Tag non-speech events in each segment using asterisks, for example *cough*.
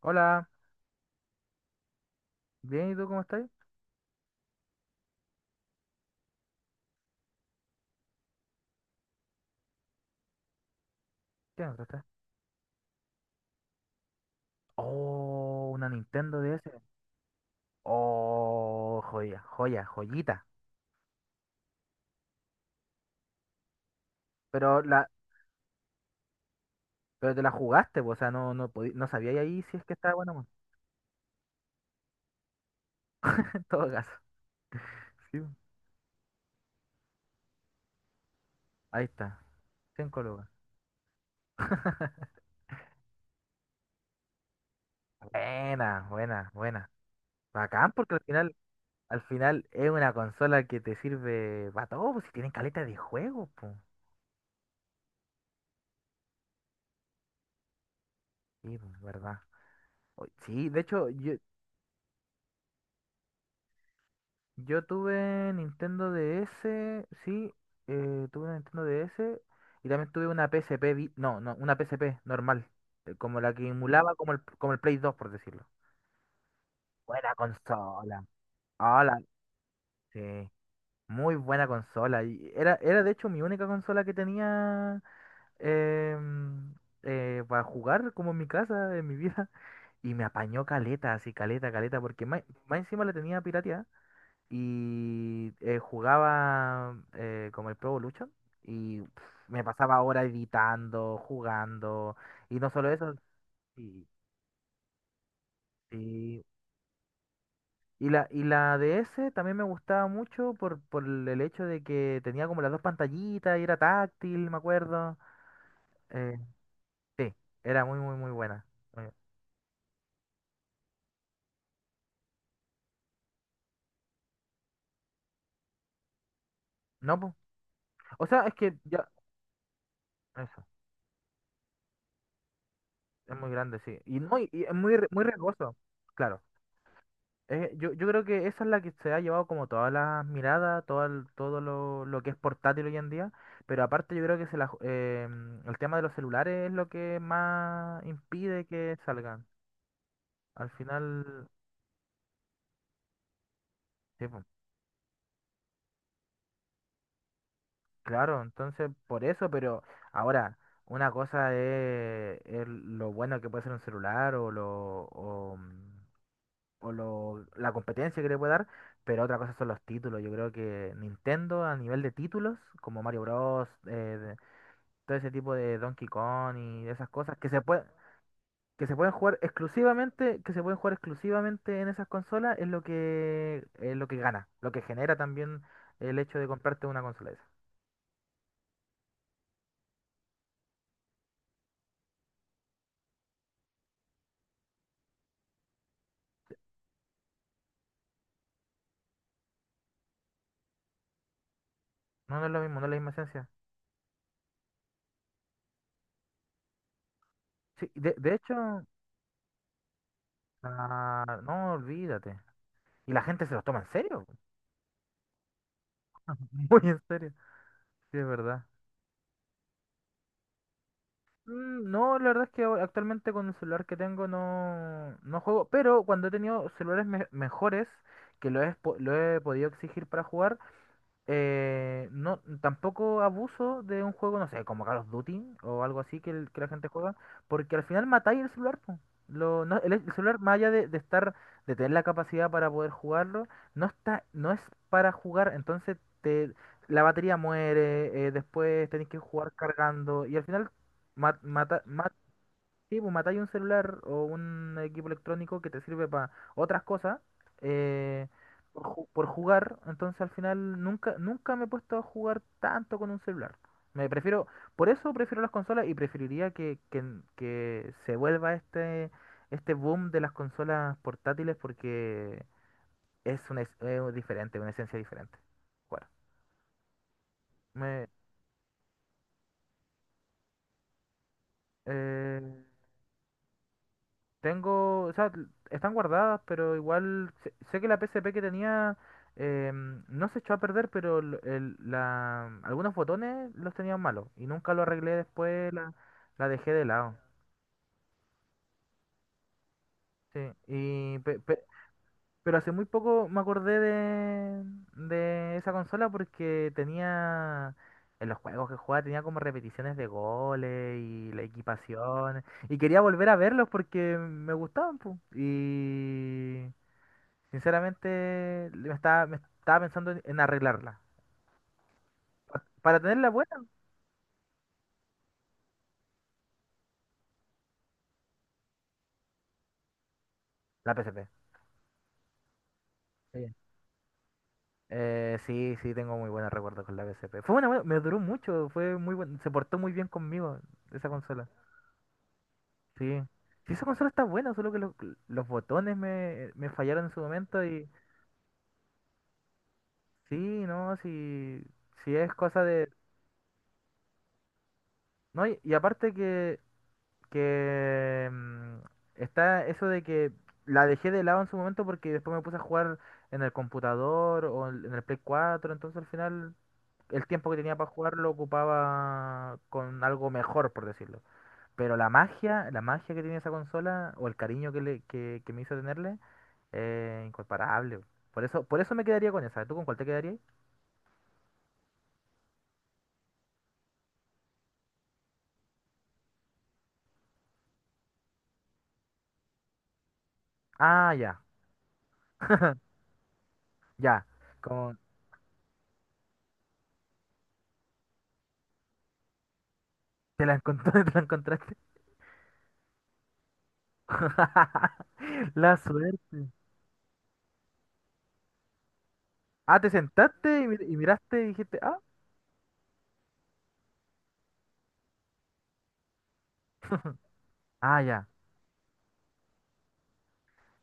Hola, bien, ¿y tú cómo estás? ¿Qué encontraste? Oh, una Nintendo DS. Oh, joya, joya, joyita. Pero la, pero te la jugaste, po, o sea, no, no sabía ahí si es que estaba bueno *laughs* o no, en todo caso. Sí, po. Ahí está, 5 lucas. *laughs* Buena, buena, buena. Bacán, porque al final es una consola que te sirve para todo, pues si tienen caleta de juegos, pues. Sí, pues, verdad. Oy, sí, de hecho, yo tuve Nintendo DS, sí, tuve una Nintendo DS y también tuve una PSP, no, no, una PSP normal, como la que emulaba como el Play 2, por decirlo. Buena consola. Hola, sí, muy buena consola. Y era de hecho mi única consola que tenía em, para jugar como en mi casa, en mi vida. Y me apañó caleta, así caleta, caleta, porque más encima la tenía pirateada. Y jugaba como el Pro Evolution y me pasaba horas editando, jugando y no solo eso, sí, sí. Y la DS también me gustaba mucho por el hecho de que tenía como las dos pantallitas y era táctil, me acuerdo. Eh, sí, era muy, muy, muy buena. Muy- No, po. O sea, es que ya, eso, es muy grande, sí. Y, no, y es muy, muy riesgoso, claro. Yo creo que esa es la que se ha llevado como todas las miradas, todo, todo lo que es portátil hoy en día, pero aparte yo creo que se la ju- mm, el tema de los celulares es lo que más impide que salgan. Al final, sí, po, claro, entonces por eso, pero ahora, una cosa es lo bueno que puede ser un celular o, lo, o, mm, o lo, la competencia que le puede dar. Pero otra cosa son los títulos. Yo creo que Nintendo a nivel de títulos, como Mario Bros., todo ese tipo de Donkey Kong y esas cosas que se pueden jugar exclusivamente en esas consolas es lo que gana, lo que genera también el hecho de comprarte una consola de esas. No, no es lo mismo, no es la misma esencia. Sí, de hecho, ah, no, olvídate. Y la gente se los toma en serio, *laughs* muy en serio. Sí, es verdad. No, la verdad es que actualmente con el celular que tengo no, no juego, pero cuando he tenido celulares mejores que lo he, lo he podido exigir para jugar, no, tampoco abuso de un juego, no sé, como Call of Duty o algo así que, que la gente juega, porque al final matáis el celular, po. El celular, más allá de estar, de tener la capacidad para poder jugarlo, no está, no es para jugar, entonces la batería muere, después tenéis que jugar cargando, y al final matas. Sí, pues matáis un celular o un equipo electrónico que te sirve para otras cosas, eh, por jugar. Entonces al final nunca, nunca me he puesto a jugar tanto con un celular. Me prefiero, por eso prefiero las consolas y preferiría que se vuelva este boom de las consolas portátiles porque es diferente, una esencia diferente. Bueno, me, eh, tengo, o sea, están guardadas, pero igual sé que la PSP que tenía no se echó a perder, pero algunos botones los tenían malos y nunca lo arreglé después, la dejé de lado. Sí, y, pe- pe- pero hace muy poco me acordé de esa consola porque tenía, en los juegos que jugaba, tenía como repeticiones de goles y la equipación. Y quería volver a verlos porque me gustaban, pu. Sinceramente, me estaba pensando en arreglarla. Para tenerla buena, la PSP. Sí. Sí, sí, tengo muy buenos recuerdos con la PSP. Fue una buena, me duró mucho, se portó muy bien conmigo esa consola. Sí. Sí, esa consola está buena, solo que los botones me fallaron en su momento y sí, no, sí, sí es cosa de. No, y aparte que está eso de que la dejé de lado en su momento porque después me puse a jugar en el computador o en el Play 4, entonces al final el tiempo que tenía para jugar lo ocupaba con algo mejor, por decirlo. Pero la magia que tiene esa consola o el cariño que me hizo tenerle, incomparable. Por eso me quedaría con esa. ¿Tú con cuál te quedarías? Ah, ya, ya. Con... ¿Te la *laughs* te la encontraste? *laughs* La suerte. Ah, te sentaste y miraste y dijiste, ah, ah, ya.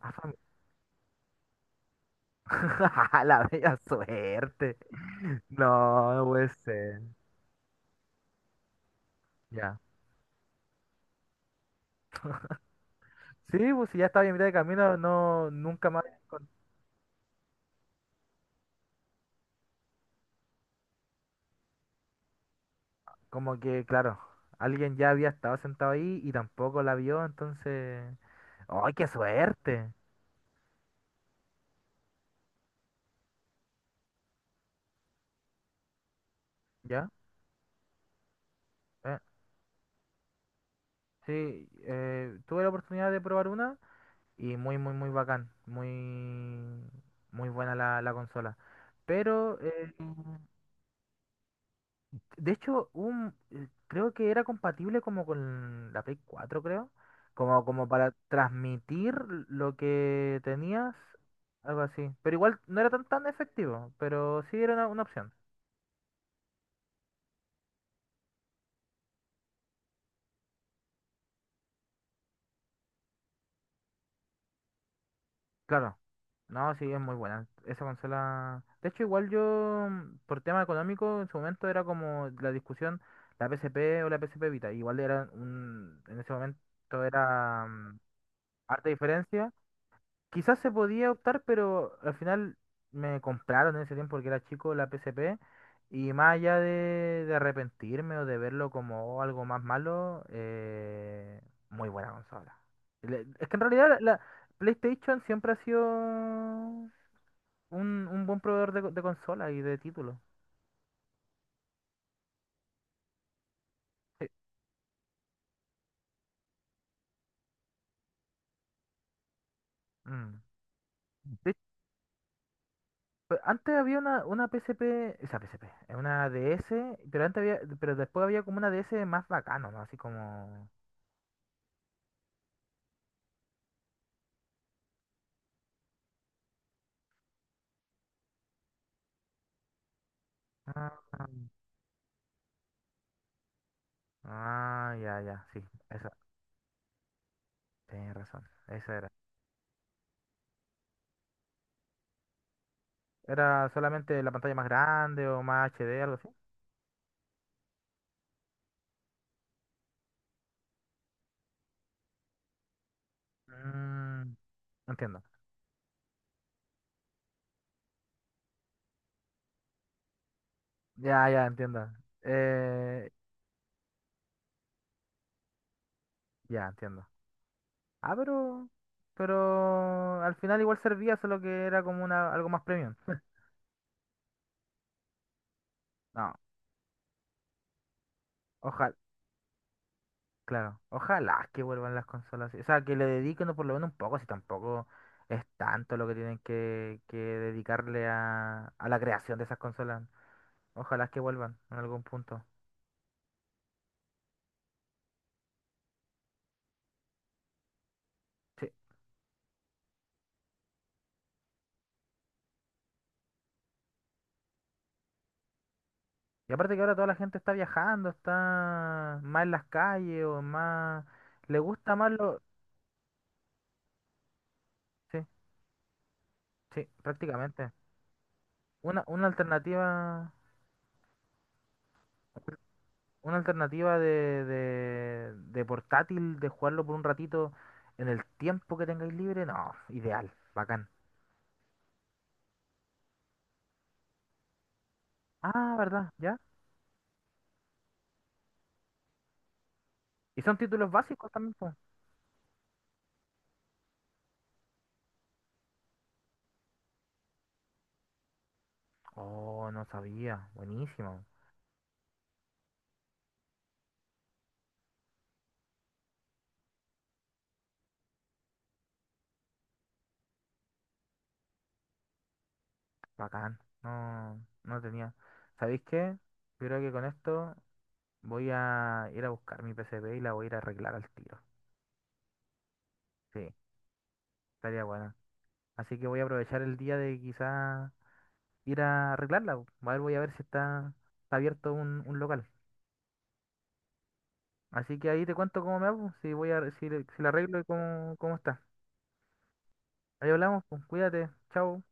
Ah, *laughs* La bella suerte. No, no puede ser. Ya. Sí, pues si ya estaba en mitad de camino, no, nunca más. Como que, claro, alguien ya había estado sentado ahí y tampoco la vio, entonces. ¡Ay, qué suerte! ¿Ya? eh, sí, tuve la oportunidad de probar una y muy, muy, muy bacán. Muy, muy buena la consola. Pero eh, De hecho, creo que era compatible como con la Play 4, creo. Como para transmitir lo que tenías, algo así. Pero igual no era tan efectivo, pero sí era una opción. Claro. No, sí, es muy buena. Esa consola. De hecho, igual por tema económico, en su momento era como la discusión, la PSP o la PSP Vita. En ese momento era harta diferencia. Quizás se podía optar, pero al final me compraron en ese tiempo porque era chico la PSP y más allá de, arrepentirme o de verlo como algo más malo, muy buena consola. Es que en realidad la PlayStation siempre ha sido un buen proveedor de consola y de títulos. Sí. Mm. De hecho, antes había una P S P una DS, pero después había como una DS más bacano, ¿no? Así como. Ah. Ah, ya, ya, sí, esa, tenés razón, esa era. ¿Era solamente la pantalla más grande o más HD, algo así? Mm, Entiendo. Ya, ya, entiendo. Eh, ya, entiendo. Ah, pero al final igual servía, solo que era como algo más premium. *laughs* No, ojalá, claro, ojalá que vuelvan las consolas. O sea, que le dediquen por lo menos un poco, si tampoco es tanto lo que tienen que dedicarle a la creación de esas consolas. Ojalá que vuelvan en algún punto. Sí. Y aparte que ahora toda la gente está viajando, está más en las calles o más. Le gusta más lo. Sí, sí, prácticamente. Una, una alternativa, una alternativa de portátil, de jugarlo por un ratito en el tiempo que tengáis libre, no, ideal, bacán. Ah, ¿verdad? ¿Ya? ¿Y son títulos básicos también, po? Oh, no sabía. Buenísimo. Bacán. No, no tenía. ¿Sabéis qué? Yo creo que con esto voy a ir a buscar mi PCB y la voy a ir a arreglar al tiro. Sí, estaría buena. Así que voy a aprovechar el día de quizá ir a arreglarla, po. A ver, voy a ver si está abierto un local. Así que ahí te cuento cómo me hago, si si la arreglo y cómo está. Ahí hablamos, pues, cuídate, chao.